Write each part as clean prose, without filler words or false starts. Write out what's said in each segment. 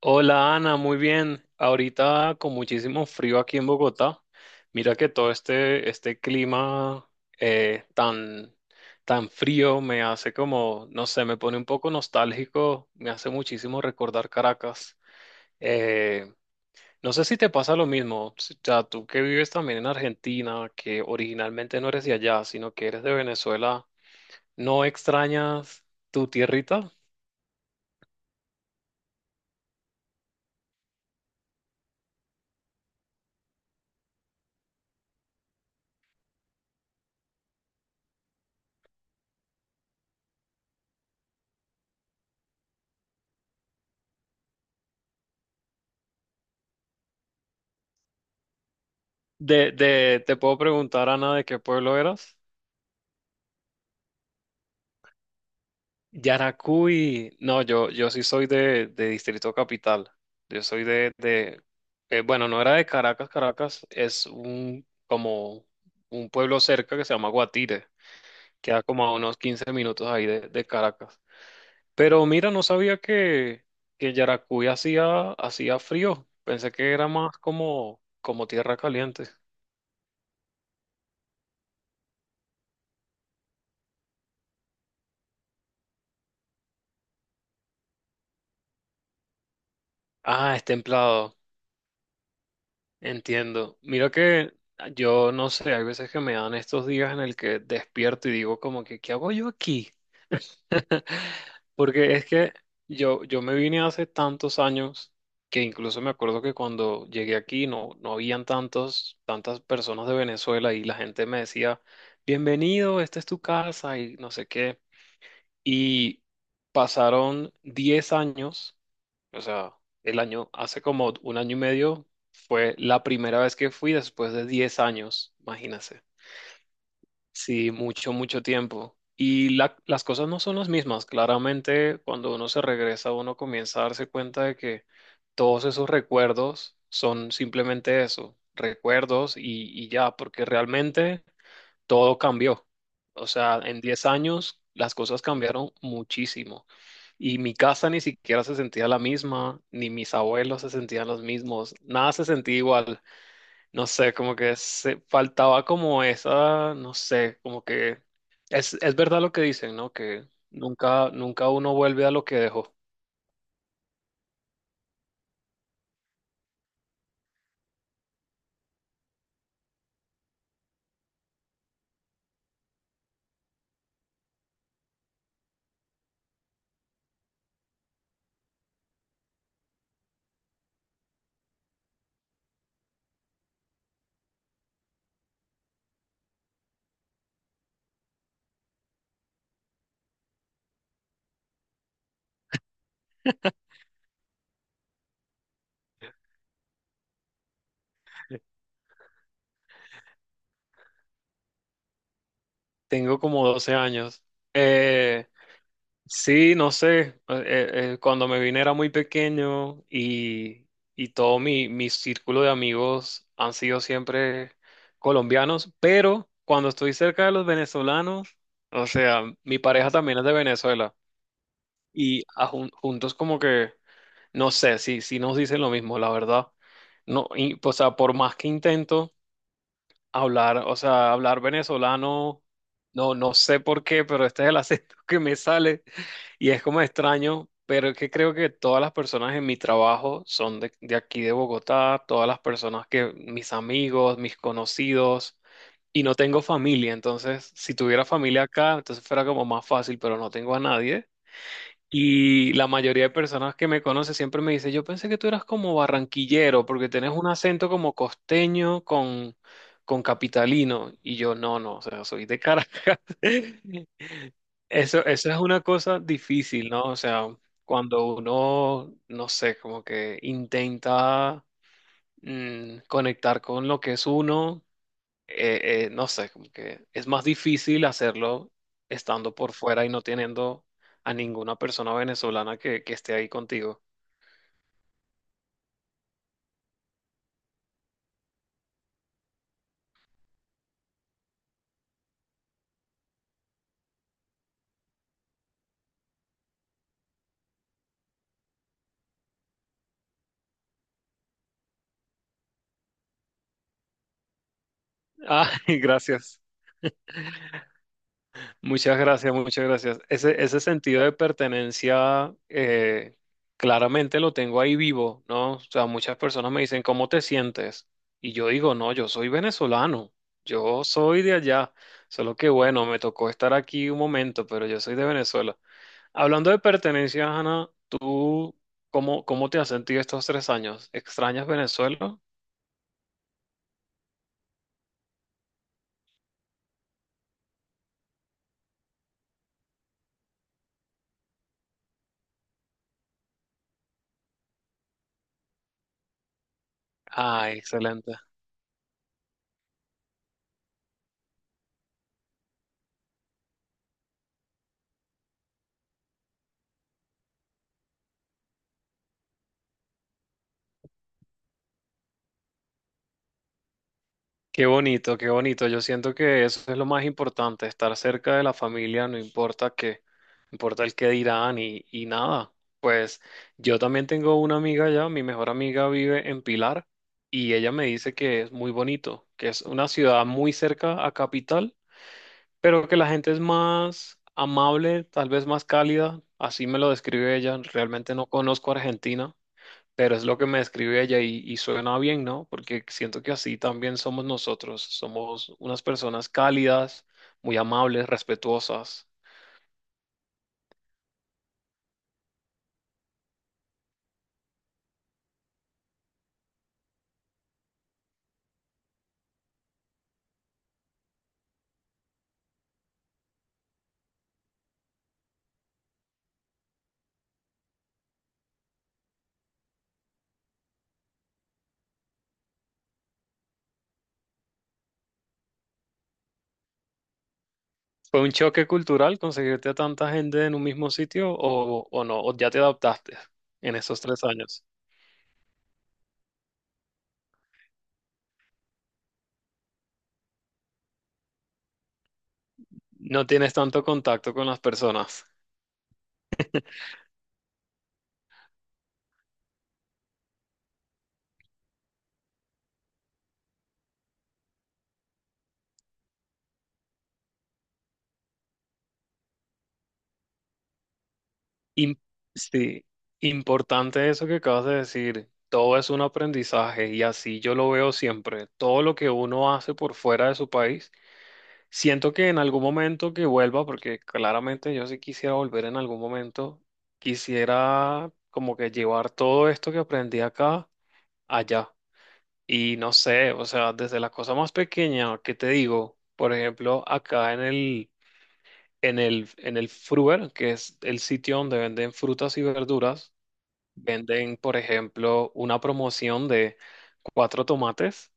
Hola Ana, muy bien. Ahorita con muchísimo frío aquí en Bogotá. Mira que todo este clima eh, tan, tan frío me hace como, no sé, me pone un poco nostálgico, me hace muchísimo recordar Caracas. Eh, no sé si te pasa lo mismo, o sea, tú que vives también en Argentina, que originalmente no eres de allá, sino que eres de Venezuela, ¿no extrañas tu tierrita? Te puedo preguntar, Ana, ¿de qué pueblo eras? Yaracuy, no, yo sí soy de Distrito Capital. Yo soy de bueno, no era de Caracas, Caracas, es un como un pueblo cerca que se llama Guatire, queda como a unos 15 minutos ahí de Caracas. Pero mira, no sabía que Yaracuy hacía frío. Pensé que era más como tierra caliente. Ah, es templado. Entiendo. Mira que yo no sé, hay veces que me dan estos días en el que despierto y digo como que, ¿qué hago yo aquí? Porque es que yo me vine hace tantos años que incluso me acuerdo que cuando llegué aquí no habían tantas personas de Venezuela y la gente me decía, bienvenido, esta es tu casa y no sé qué. Y pasaron 10 años, o sea, el año, hace como un año y medio fue la primera vez que fui después de 10 años, imagínense. Sí, mucho, mucho tiempo. Y las cosas no son las mismas. Claramente, cuando uno se regresa, uno comienza a darse cuenta de que todos esos recuerdos son simplemente eso, recuerdos y ya, porque realmente todo cambió. O sea, en 10 años las cosas cambiaron muchísimo. Y mi casa ni siquiera se sentía la misma, ni mis abuelos se sentían los mismos, nada se sentía igual. No sé, como que se faltaba como esa, no sé, como que es verdad lo que dicen, ¿no? Que nunca, nunca uno vuelve a lo que dejó. Tengo como 12 años. Eh, Sí, no sé, cuando me vine era muy pequeño y todo mi círculo de amigos han sido siempre colombianos, pero cuando estoy cerca de los venezolanos, o sea, mi pareja también es de Venezuela y juntos como que, no sé, si nos dicen lo mismo, la verdad. No, y, o sea, por más que intento. Hablar, o sea, hablar venezolano, no, no sé por qué, pero este es el acento que me sale y es como extraño, pero es que creo que todas las personas en mi trabajo son de aquí de Bogotá, todas las personas que, mis amigos, mis conocidos, y no tengo familia, entonces si tuviera familia acá, entonces fuera como más fácil, pero no tengo a nadie. Y la mayoría de personas que me conocen siempre me dice, yo pensé que tú eras como barranquillero, porque tenés un acento como costeño con capitalino. Y yo, no, no, o sea, soy de Caracas. Eso es una cosa difícil, ¿no? O sea, cuando uno, no sé, como que intenta conectar con lo que es uno, no sé, como que es más difícil hacerlo estando por fuera y no teniendo a ninguna persona venezolana que esté ahí contigo. Ah, gracias. Muchas gracias, muchas gracias. Ese sentido de pertenencia claramente lo tengo ahí vivo, ¿no? O sea, muchas personas me dicen, ¿cómo te sientes? Y yo digo, no, yo soy venezolano, yo soy de allá, solo que bueno, me tocó estar aquí un momento, pero yo soy de Venezuela. Hablando de pertenencia Ana, ¿tú cómo te has sentido estos 3 años? ¿Extrañas Venezuela? Ah, excelente. Qué bonito, qué bonito. Yo siento que eso es lo más importante, estar cerca de la familia, no importa qué, no importa el qué dirán y nada. Pues yo también tengo una amiga allá, mi mejor amiga vive en Pilar y ella me dice que es muy bonito, que es una ciudad muy cerca a Capital, pero que la gente es más amable, tal vez más cálida, así me lo describe ella. Realmente no conozco Argentina, pero es lo que me describe ella y suena bien, ¿no? Porque siento que así también somos nosotros, somos unas personas cálidas, muy amables, respetuosas. ¿Fue un choque cultural conseguirte a tanta gente en un mismo sitio o no? ¿O ya te adaptaste en esos 3 años? No tienes tanto contacto con las personas. Im- sí, importante eso que acabas de decir. Todo es un aprendizaje y así yo lo veo siempre. Todo lo que uno hace por fuera de su país, siento que en algún momento que vuelva, porque claramente yo sí quisiera volver en algún momento, quisiera como que llevar todo esto que aprendí acá allá. Y no sé, o sea, desde la cosa más pequeña que te digo, por ejemplo, acá en el, en el Fruver, que es el sitio donde venden frutas y verduras. Venden, por ejemplo, una promoción de cuatro tomates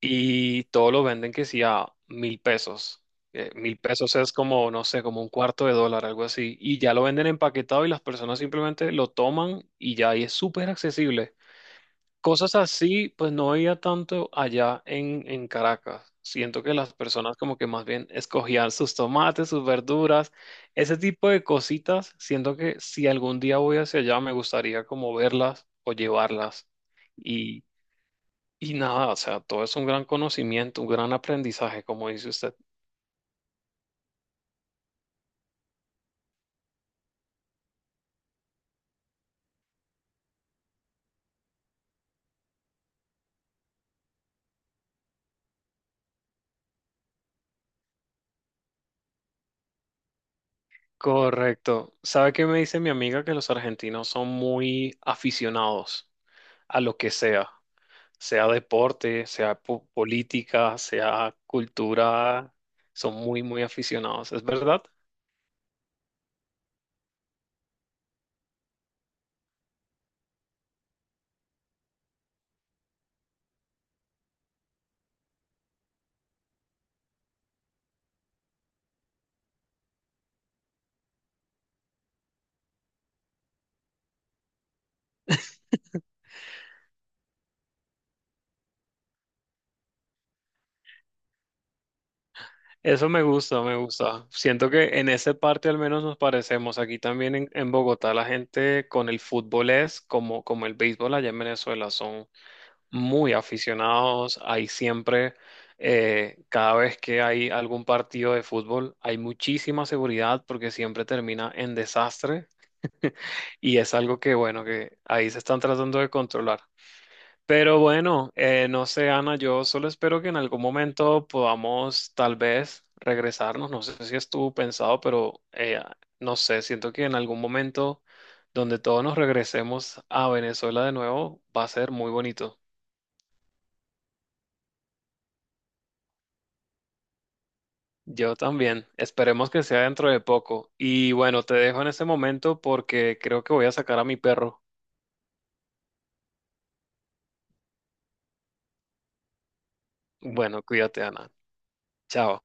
y todo lo venden que sí a 1.000 pesos. Mil pesos es como, no sé, como un cuarto de dólar, algo así. Y ya lo venden empaquetado y las personas simplemente lo toman y ya ahí es súper accesible. Cosas así, pues no había tanto allá en Caracas. Siento que las personas como que más bien escogían sus tomates, sus verduras, ese tipo de cositas. Siento que si algún día voy hacia allá me gustaría como verlas o llevarlas. Y, y nada, o sea, todo es un gran conocimiento, un gran aprendizaje, como dice usted. Correcto. ¿Sabe qué me dice mi amiga? Que los argentinos son muy aficionados a lo que sea, sea deporte, sea política, sea cultura, son muy, muy aficionados, ¿es verdad? Eso me gusta, me gusta. Siento que en esa parte al menos nos parecemos. Aquí también en Bogotá la gente con el fútbol es como el béisbol allá en Venezuela, son muy aficionados. Hay siempre, cada vez que hay algún partido de fútbol, hay muchísima seguridad porque siempre termina en desastre. Y es algo que, bueno, que ahí se están tratando de controlar. Pero bueno, no sé, Ana, yo solo espero que en algún momento podamos tal vez regresarnos. No sé si estuvo pensado, pero no sé, siento que en algún momento donde todos nos regresemos a Venezuela de nuevo va a ser muy bonito. Yo también. Esperemos que sea dentro de poco. Y bueno, te dejo en ese momento porque creo que voy a sacar a mi perro. Bueno, cuídate, Ana. Chao.